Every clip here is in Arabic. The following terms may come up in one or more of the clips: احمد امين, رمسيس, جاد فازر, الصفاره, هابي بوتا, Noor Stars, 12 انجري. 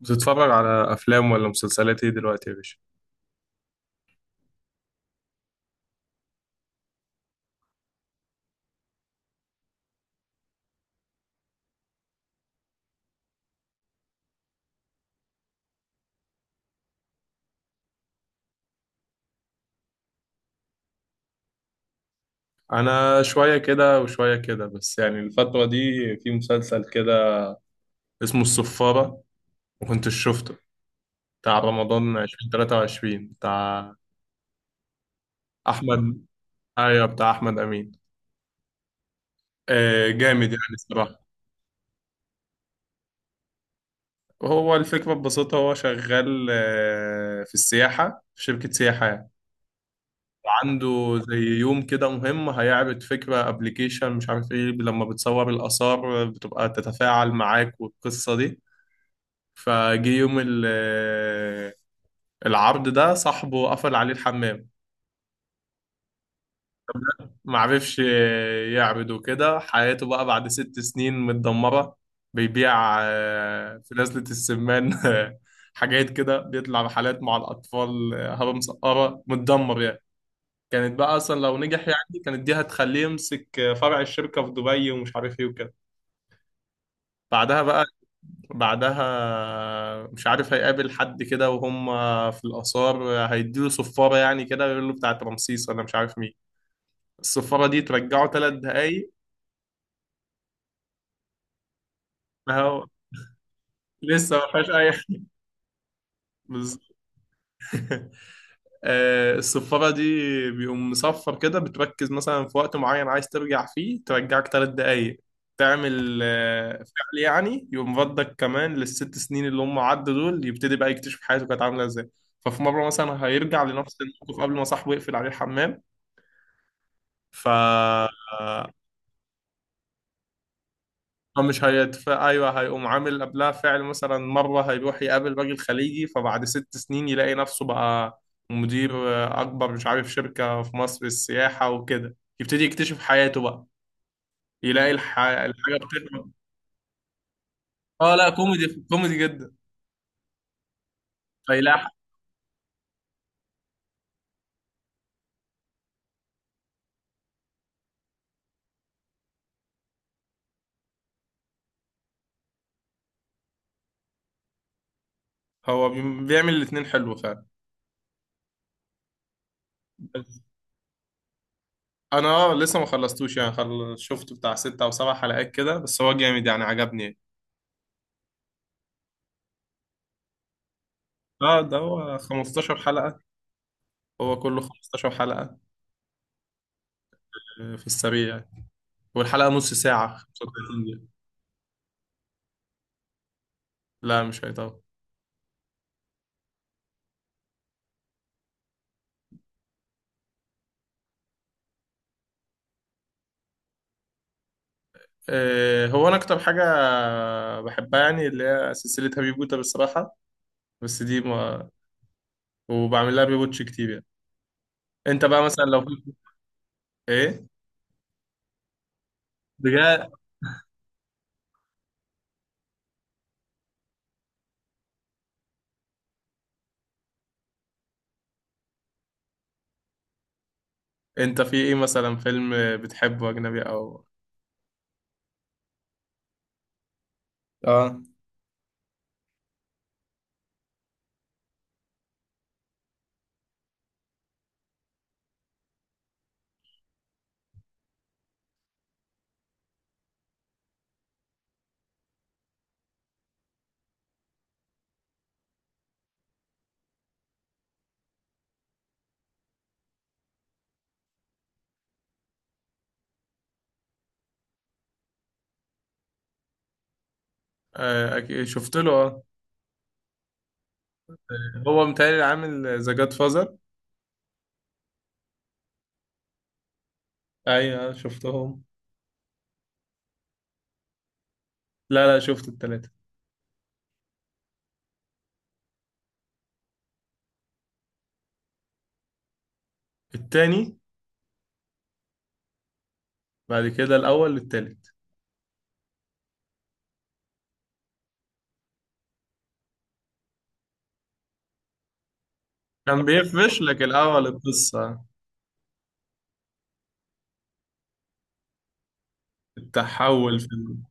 بتتفرج على افلام ولا مسلسلات ايه دلوقتي يا باشا؟ انا شويه كده وشويه كده، بس يعني الفتره دي في مسلسل كده اسمه الصفاره، وكنت شفته، بتاع رمضان 2023، بتاع احمد. ايوه، بتاع احمد امين. جامد يعني الصراحه. هو الفكره ببساطه، هو شغال في السياحه، في شركه سياحه يعني. عنده زي يوم كده مهم هيعرض فكرة ابلكيشن مش عارف ايه، لما بتصور الآثار بتبقى تتفاعل معاك والقصة دي. فجه يوم العرض ده صاحبه قفل عليه الحمام. ما عرفش يعبد وكده، حياته بقى بعد 6 سنين متدمرة. بيبيع في نزلة السمان حاجات كده، بيطلع رحلات مع الأطفال هبة مسقرة، متدمر يعني. كانت بقى أصلا لو نجح، يعني كانت دي هتخليه يمسك فرع الشركة في دبي ومش عارف إيه وكده. بعدها بقى، بعدها مش عارف هيقابل حد كده، وهم في الآثار هيديله صفارة يعني كده، ويقول له بتاعت رمسيس ولا مش عارف مين. الصفارة دي ترجعه 3 دقايق. فهو لسه ما فيهاش أي حاجة. الصفارة دي بيقوم مصفر كده، بتركز مثلا في وقت معين عايز ترجع فيه، ترجعك 3 دقايق. تعمل فعل، يعني يقوم ردك كمان للست سنين اللي هم عدوا دول، يبتدي بقى يكتشف حياته كانت عاملة ازاي. ففي مرة مثلا هيرجع لنفس الموقف قبل ما صاحبه يقفل عليه الحمام. ف هو مش هيتفق، ايوه، هيقوم عامل قبلها فعل. مثلا مره هيروح يقابل راجل خليجي، فبعد 6 سنين يلاقي نفسه بقى مدير اكبر، مش عارف شركه في مصر للسياحه وكده، يبتدي يكتشف حياته بقى. يلاقي الحاجه بتكبر. اه لا، كوميدي، كوميدي جدا. فيلاقي. هو بيعمل الاتنين حلو فعلا. انا لسه ما خلصتوش يعني، شفت بتاع 6 او 7 حلقات كده، بس هو جامد يعني، عجبني. اه ده هو 15 حلقه، هو كله 15 حلقه. في السريع يعني. والحلقة نص ساعة، 35 دقيقة. لا مش هي طبعا. هو أنا أكتر حاجة بحبها يعني اللي هي سلسلة هابي بوتا بالصراحة. بس دي ما. وبعمل لها ريواتش كتير يعني. أنت بقى مثلا لو في. إيه؟ بجد. أنت في إيه مثلا، فيلم بتحبه أجنبي أو؟ اه. أكيد شفت له، أه. هو متهيألي عامل ذا جاد فازر. أيوه شفتهم. لا لا، شفت التلاتة. التاني. بعد كده الأول، التالت. كان بيفرش لك الأول القصة. التحول في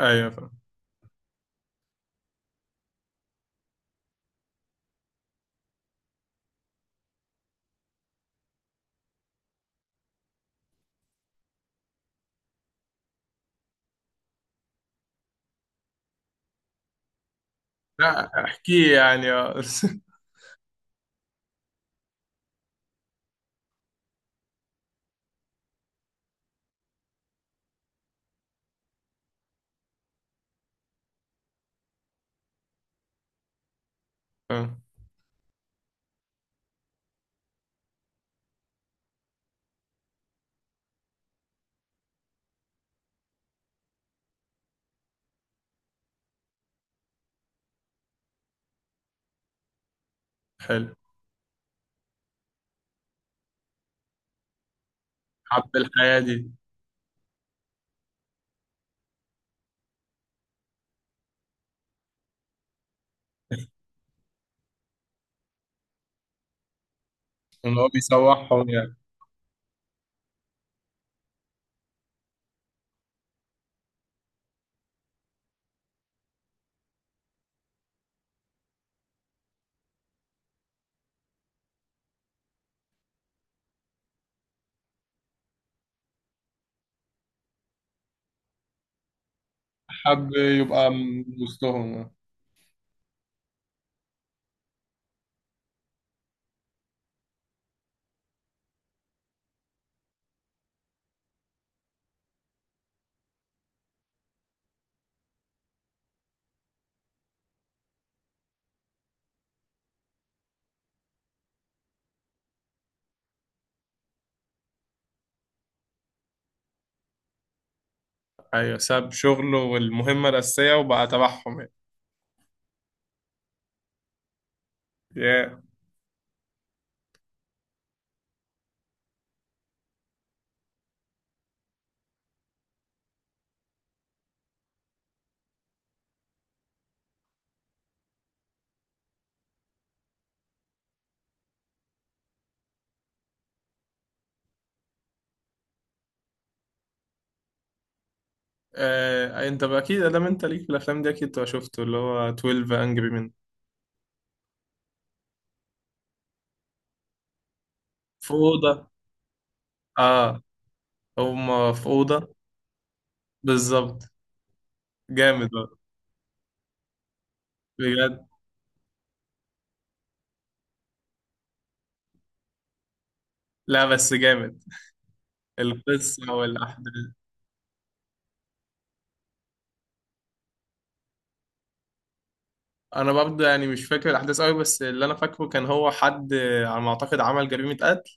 ايوه فاهم. لا احكيه يعني، اه. آه، حلو. حب الحياة دي. ان هو بيسوحهم يعني. حب يبقى من وسطهم، آه. ايوه، ساب شغله والمهمة الأساسية وبقى تبعهم يعني. Yeah. انت بقى اكيد، ادام انت ليك في الافلام دي اكيد تبقى شفته، اللي هو 12 انجري من. في اوضه. اه. هما في اوضه. بالظبط. جامد بقى. بجد. لا بس جامد. القصه والاحداث. انا برضه يعني مش فاكر الاحداث قوي، بس اللي انا فاكره، كان هو حد، على ما اعتقد، عمل جريمه قتل.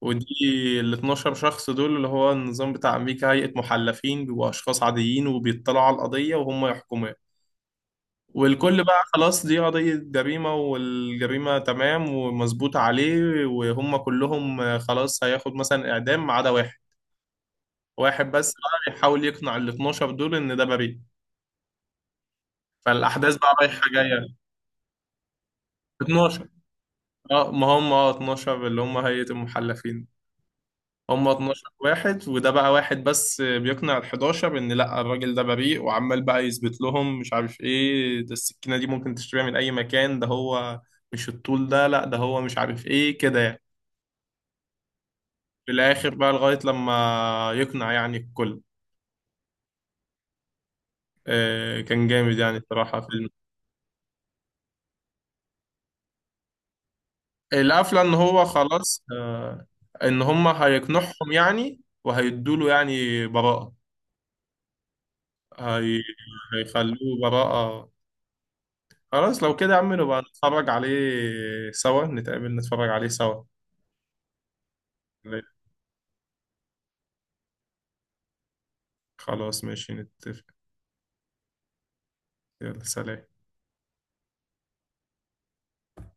ودي، ال 12 شخص دول، اللي هو النظام بتاع امريكا هيئه محلفين، بيبقوا اشخاص عاديين وبيطلعوا على القضيه وهم يحكموها. والكل بقى خلاص دي قضيه جريمه والجريمه تمام ومظبوط عليه، وهم كلهم خلاص هياخد مثلا اعدام، ما عدا واحد. واحد بس بقى بيحاول يقنع ال 12 دول ان ده بريء. فالاحداث بقى رايحه جايه. 12. اه، ما هم اه 12، اللي هم هيئه المحلفين. هم 12 واحد، وده بقى واحد بس بيقنع ال 11 ان لا، الراجل ده بريء. وعمال بقى يثبت لهم، مش عارف ايه، ده السكينة دي ممكن تشتريها من اي مكان، ده هو مش الطول ده، لا ده هو مش عارف ايه كده يعني. في الاخر بقى، لغاية لما يقنع يعني الكل. كان جامد يعني الصراحة، فيلم. القفلة، ان هو خلاص ان هم هيقنعهم يعني، وهيدوله يعني براءة. هي... هيخلوه براءة. خلاص لو كده يا عم، نبقى نتفرج عليه سوا، نتقابل نتفرج عليه سوا. خلاص ماشي، نتفق. يلا سلام.